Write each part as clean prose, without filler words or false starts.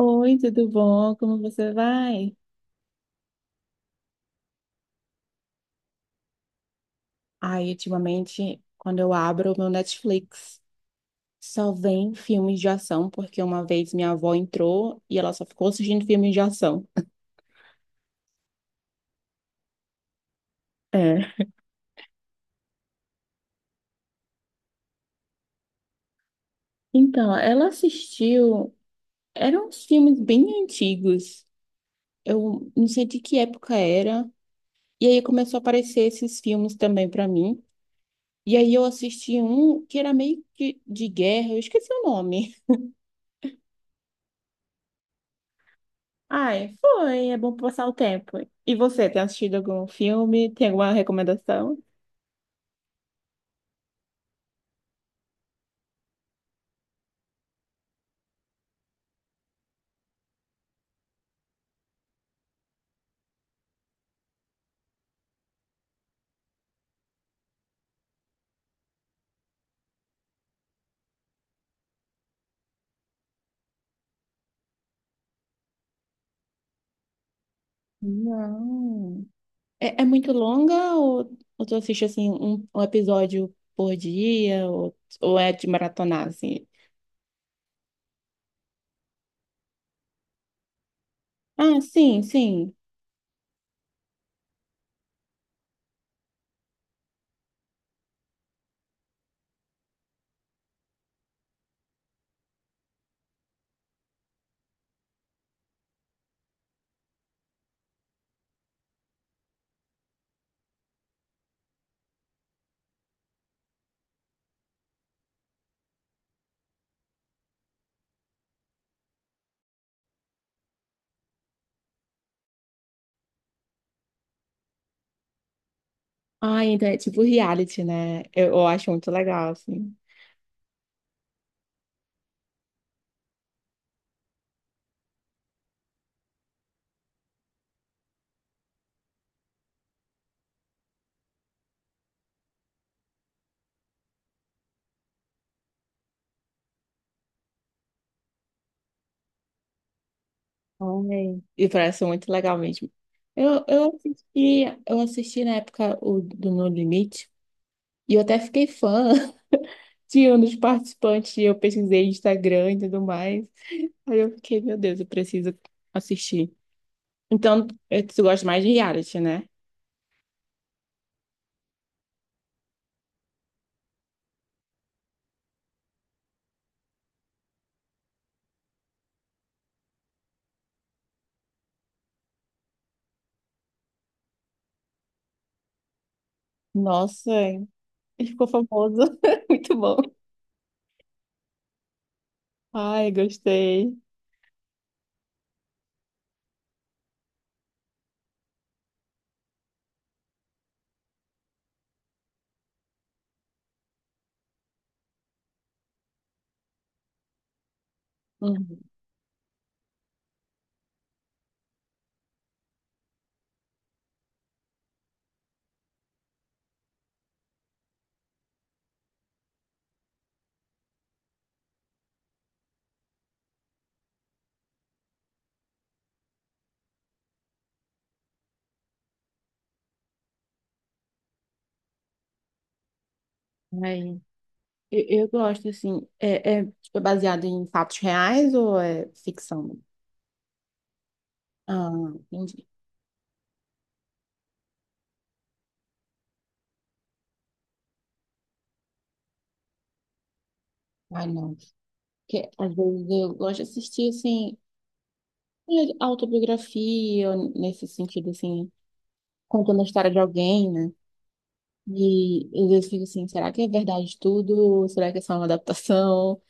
Oi, tudo bom? Como você vai? Ai, ultimamente, quando eu abro o meu Netflix, só vem filmes de ação, porque uma vez minha avó entrou e ela só ficou assistindo filmes de ação. É. Então, ela assistiu, eram uns filmes bem antigos. Eu não sei de que época era. E aí começou a aparecer esses filmes também pra mim. E aí eu assisti um que era meio que de guerra, eu esqueci o nome. Ai, foi. É bom passar o tempo. E você, tem assistido algum filme? Tem alguma recomendação? Não. É, é muito longa ou tu assiste assim um episódio por dia ou é de maratonar assim? Ah, sim, sim. Ah, então é tipo reality, né? Eu acho muito legal assim. Ai. E parece muito legal mesmo. Eu assisti na época o do No Limite e eu até fiquei fã de um dos participantes, e eu pesquisei Instagram e tudo mais. Aí eu fiquei, meu Deus, eu preciso assistir. Então, tu gosta mais de reality, né? Nossa, ele ficou famoso. Muito bom. Ai, gostei. Uhum. Aí, eu gosto, assim, é, é tipo, baseado em fatos reais ou é ficção? Ah, entendi. Ai, não. Porque às vezes eu gosto de assistir, assim, autobiografia, nesse sentido, assim, contando a história de alguém, né? E às vezes eu fico assim, será que é verdade tudo? Será que é só uma adaptação?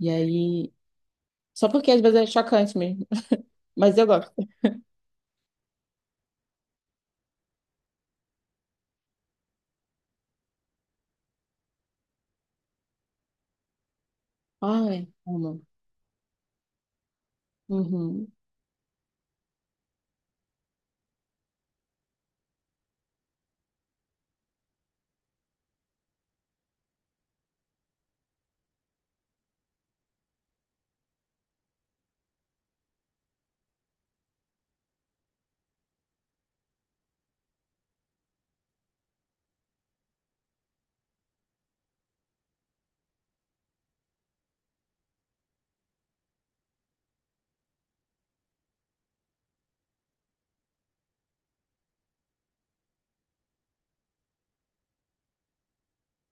E aí. Só porque às vezes é chocante mesmo. Mas eu gosto. Ai, amo. Uhum.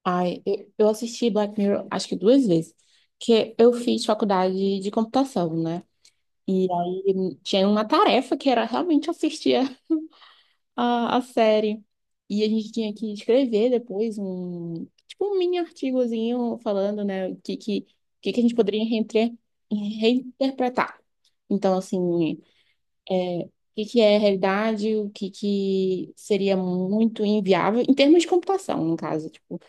Ai, eu assisti Black Mirror acho que duas vezes. Porque eu fiz faculdade de computação, né? E aí tinha uma tarefa que era realmente assistir a série. E a gente tinha que escrever depois um, tipo, um mini artigozinho falando, né, o que que a gente poderia reinterpretar. Então, assim, é, o que que é realidade, o que que seria muito inviável, em termos de computação, no caso, tipo,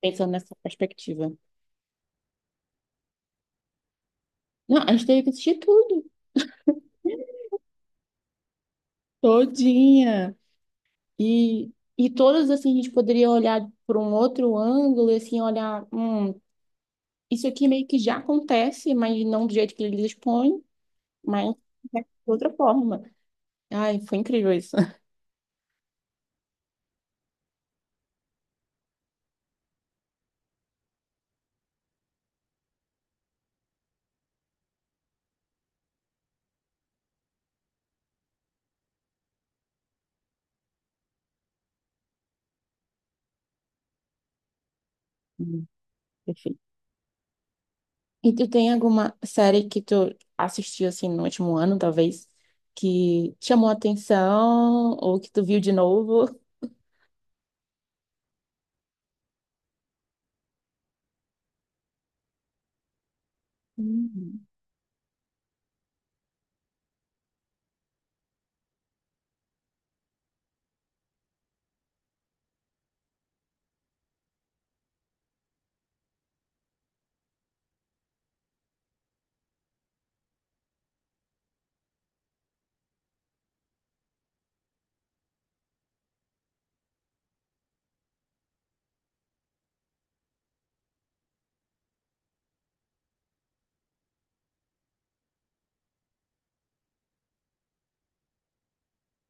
pensando nessa perspectiva. Não, a gente teve que assistir tudo, todinha. E, e todas, assim, a gente poderia olhar por um outro ângulo, e, assim, olhar, isso aqui meio que já acontece, mas não do jeito que eles expõem, mas é de outra forma. Ai, foi incrível isso. Hum. Perfeito. E tu tem alguma série que tu assistiu assim no último ano, talvez, que te chamou a atenção ou que tu viu de novo? Hum.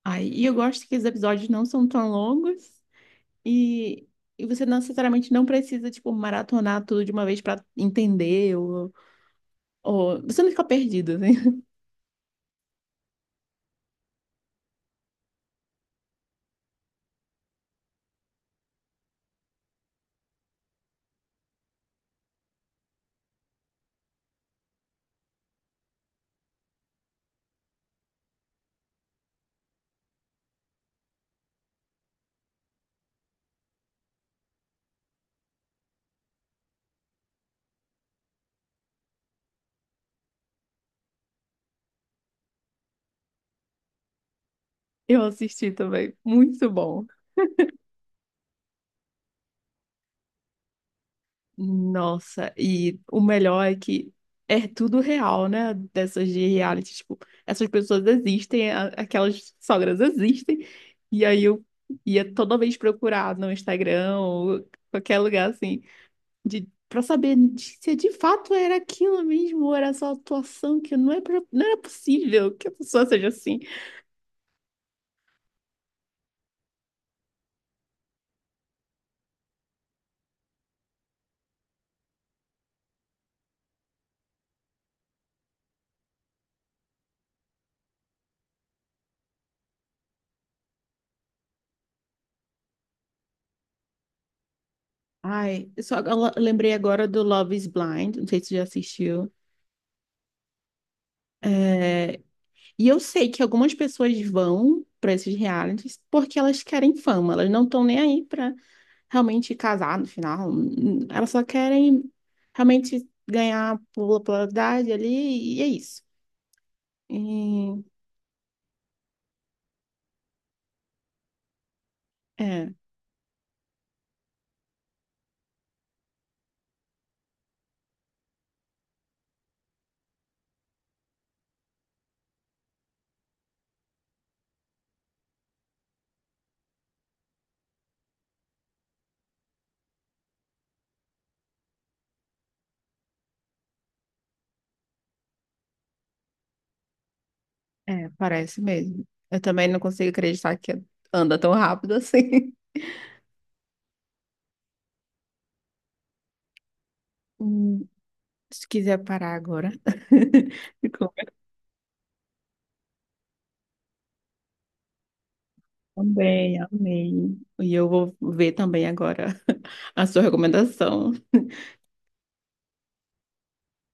Ai, e eu gosto que os episódios não são tão longos e, e você não necessariamente não precisa, tipo, maratonar tudo de uma vez pra entender ou... você não fica perdido, né? Eu assisti também, muito bom. Nossa, e o melhor é que é tudo real, né? Dessas de reality, tipo, essas pessoas existem, aquelas sogras existem, e aí eu ia toda vez procurar no Instagram ou qualquer lugar assim, de, pra saber se de fato era aquilo mesmo, ou era só atuação, que não é, não era possível que a pessoa seja assim. Ai, eu lembrei agora do Love is Blind, não sei se você já assistiu. E eu sei que algumas pessoas vão para esses realities porque elas querem fama, elas não estão nem aí para realmente casar no final, elas só querem realmente ganhar popularidade ali e é isso. E, é, parece mesmo. Eu também não consigo acreditar que anda tão rápido assim. Hum. Se quiser parar agora, ficou bem, amei. E eu vou ver também agora a sua recomendação.